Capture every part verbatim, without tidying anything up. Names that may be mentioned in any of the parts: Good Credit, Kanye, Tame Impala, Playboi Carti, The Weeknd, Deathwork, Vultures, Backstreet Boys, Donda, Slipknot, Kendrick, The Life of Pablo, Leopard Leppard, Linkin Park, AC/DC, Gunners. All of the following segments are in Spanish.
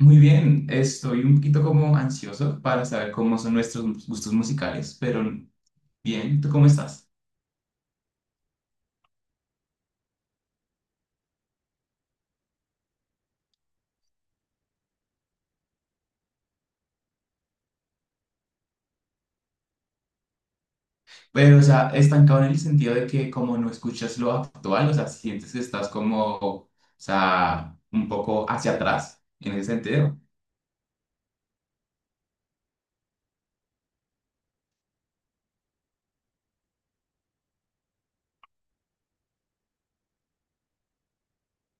Muy bien, estoy un poquito como ansioso para saber cómo son nuestros gustos musicales, pero bien, ¿tú cómo estás? Pero, o sea, estancado en el sentido de que como no escuchas lo actual, o sea, sientes que estás como, o sea, un poco hacia atrás en ese sentido.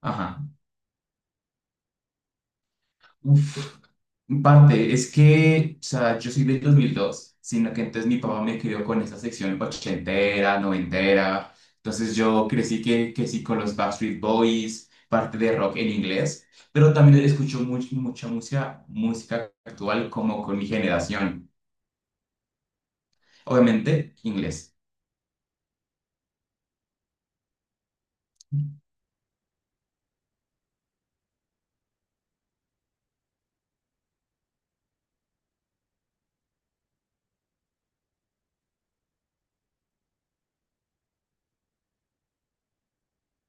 Ajá. Uf, en parte, es que, o sea, yo soy del dos mil dos, sino que entonces mi papá me crió con esa sección ochentera, noventera, entonces yo crecí que, que sí con los Backstreet Boys, parte de rock en inglés, pero también escucho much- mucha música, música actual como con mi generación, obviamente inglés.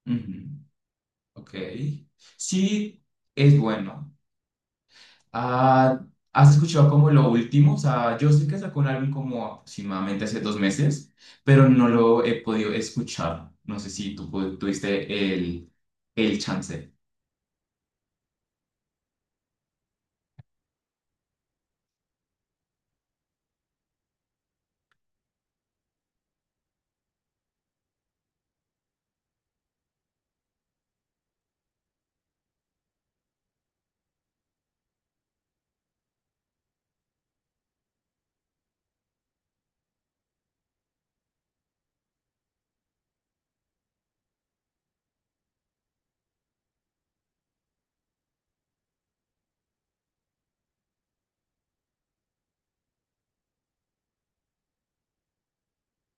Ujú. Ok, sí, es bueno. Ah, ¿has escuchado como lo último? O sea, yo sé que sacó un álbum como aproximadamente hace dos meses, pero no lo he podido escuchar. No sé si tú pu- tuviste el, el chance.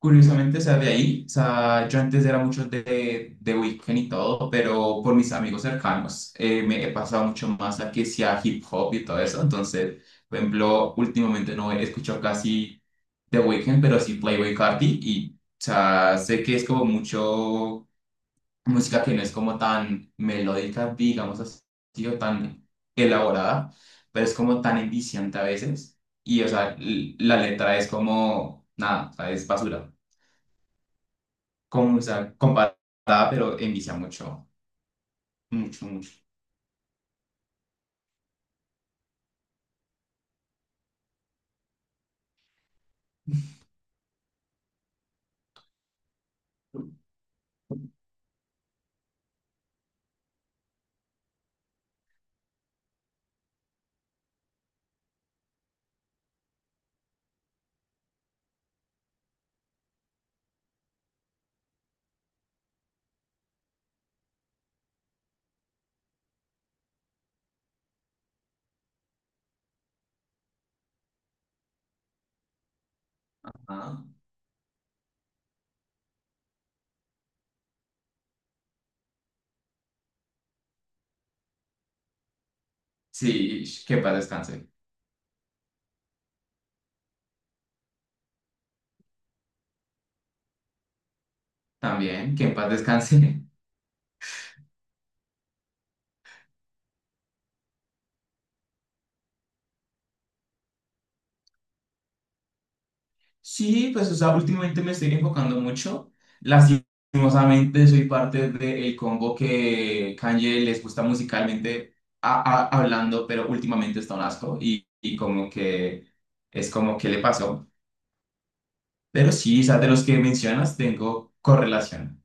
Curiosamente, o sea, de ahí, o sea, yo antes era mucho de, de Weeknd y todo, pero por mis amigos cercanos eh, me he pasado mucho más a que sea hip hop y todo eso. Entonces, por ejemplo, últimamente no he escuchado casi The Weeknd, pero sí Playboi Carti y, o sea, sé que es como mucho música que no es como tan melódica, digamos así, o tan elaborada, pero es como tan enviciante a veces. Y, o sea, l- la letra es como, nada, o sea, es basura. Como, o sea, comparada, pero envicia mucho, mucho, mucho. Ah, sí, que en paz descanse. También, que en paz descanse. Sí, pues, o sea, últimamente me estoy enfocando mucho. Lastimosamente soy parte del combo que Kanye les gusta musicalmente a- a- hablando, pero últimamente está un asco y, y como que es como que le pasó. Pero sí, o sea, de los que mencionas tengo correlación.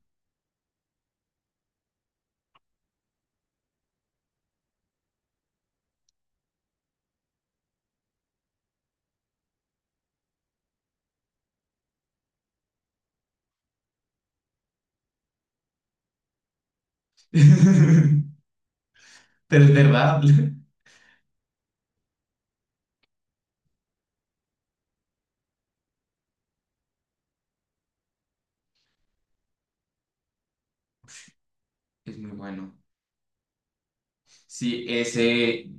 Pero es verdad. Es muy bueno. Sí, ese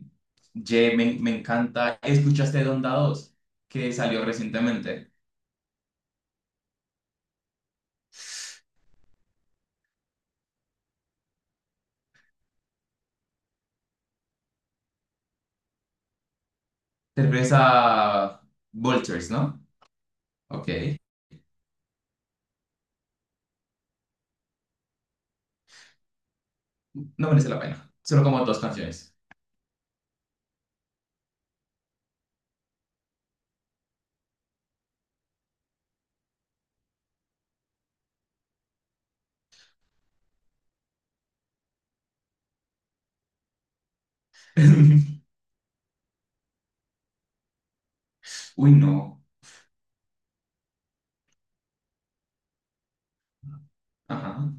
Ye me, me encanta. ¿Escuchaste Donda dos, que salió recientemente? Te refieres a Vultures, ¿no? Ok. No merece la pena. Solo como dos canciones. Uy, no. Ajá.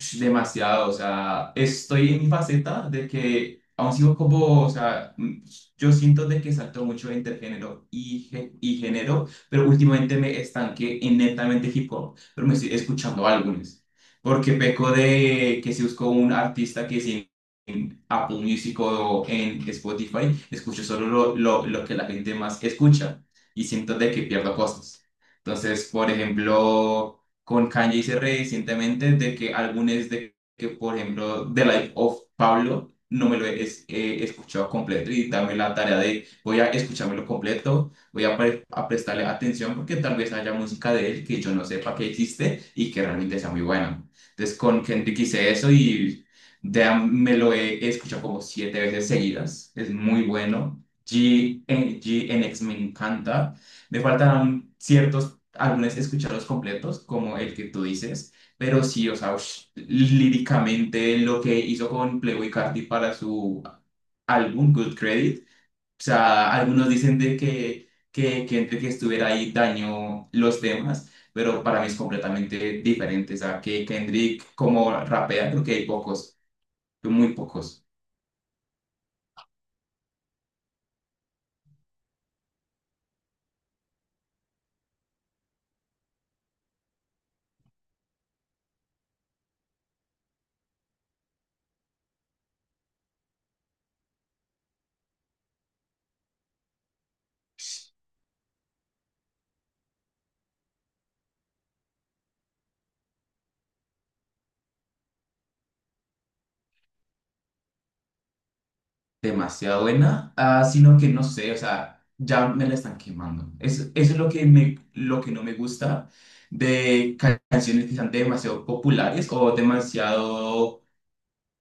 Ush, demasiado, o sea, estoy en mi faceta de que aún sigo como, o sea, mm, yo siento de que salto mucho entre género y, gé- y género, pero últimamente me estanqué en netamente hip hop, pero me estoy escuchando álbumes, porque peco de que si busco un artista que si en Apple Music o en Spotify, escucho solo lo, lo, lo que la gente más escucha y siento de que pierdo cosas. Entonces, por ejemplo, con Kanye hice recientemente de que álbumes de que, por ejemplo, The Life of Pablo, no me lo he es- he escuchado completo y dame la tarea de voy a escuchármelo completo, voy a, pre- a prestarle atención porque tal vez haya música de él que yo no sepa que existe y que realmente sea muy buena. Entonces con Kendrick hice eso y de- me lo he escuchado como siete veces seguidas, es muy bueno. G, N, X me encanta. Me faltan ciertos álbumes, escucharlos completos, como el que tú dices, pero sí, o sea, ush, líricamente lo que hizo con Playboy Carti para su álbum Good Credit, o sea, algunos dicen de que, que, que entre que estuviera ahí dañó los temas, pero para mí es completamente diferente, o sea, que Kendrick como rapea, creo que hay pocos, muy pocos. Demasiado buena, ah, sino que no sé, o sea, ya me la están quemando. Es, eso es lo que, me, lo que no me gusta de ca- canciones que sean demasiado populares o demasiado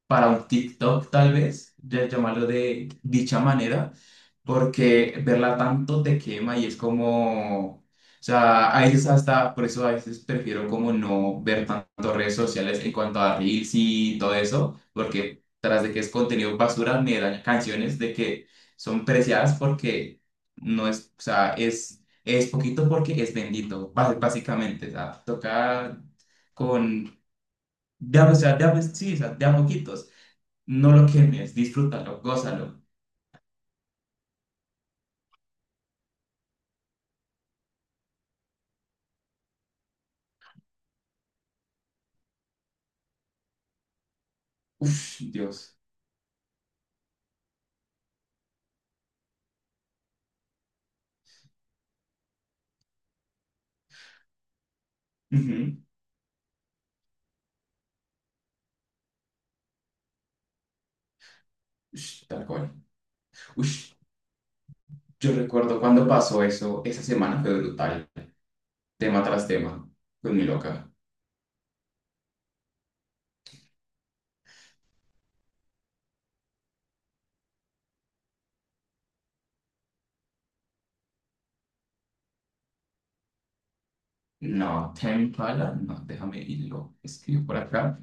para un TikTok tal vez, ya llamarlo de dicha manera, porque verla tanto te quema y es como, o sea, a veces hasta, por eso a veces prefiero como no ver tanto redes sociales en cuanto a reels y todo eso, porque tras de que es contenido basura, me dan canciones de que son preciadas porque no es, o sea, es, es poquito porque es bendito, bá- básicamente, o sea, toca con... De, a- o sea, de, a- sí, o sea, de a moquitos. No lo quemes, disfrútalo, gózalo. Uf, Dios. Ujú. Ush, tal cual. Ush, yo recuerdo cuando pasó eso, esa semana fue brutal. Tema tras tema, con mi loca. No, Tame Impala, no, déjame irlo. Escribo por acá.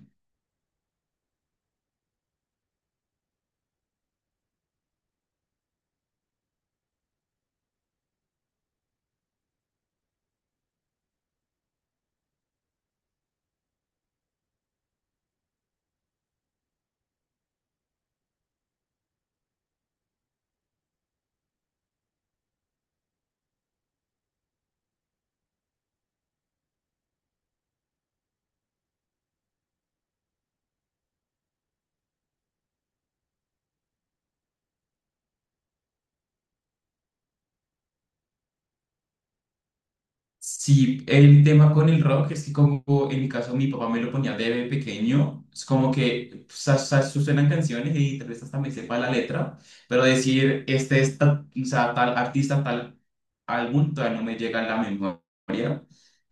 Sí, el tema con el rock es que como en mi caso mi papá me lo ponía de pequeño, es como que sa- sa- suenan canciones y tal vez hasta me sepa la letra, pero decir este es ta- o sea, tal artista, tal álbum, todavía no me llega a la memoria,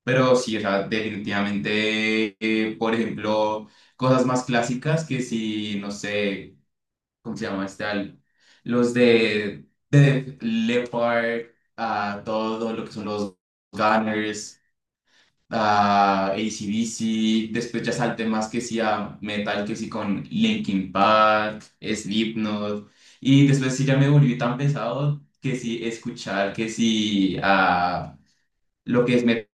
pero sí, o sea, definitivamente, eh, por ejemplo, cosas más clásicas que si, no sé, ¿cómo se llama este álbum? Los de, de Leopard Leppard, a todo lo que son los Gunners, ah, a AC/D C, después ya salté más que sí a metal, que sí con Linkin Park, Slipknot, y después sí ya me volví tan pesado que sí escuchar, que sí a lo que es metal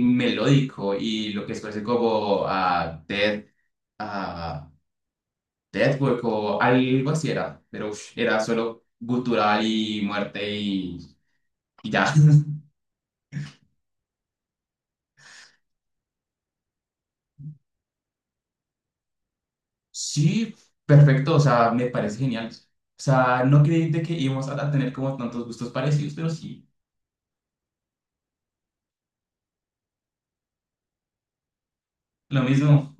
melódico y lo que es parece como a Death, ah, Deathwork o algo así era, pero ush, era solo gutural y muerte y, y ya. Sí, perfecto, o sea, me parece genial. O sea, no creí de que íbamos a a tener como tantos gustos parecidos, pero sí, lo mismo.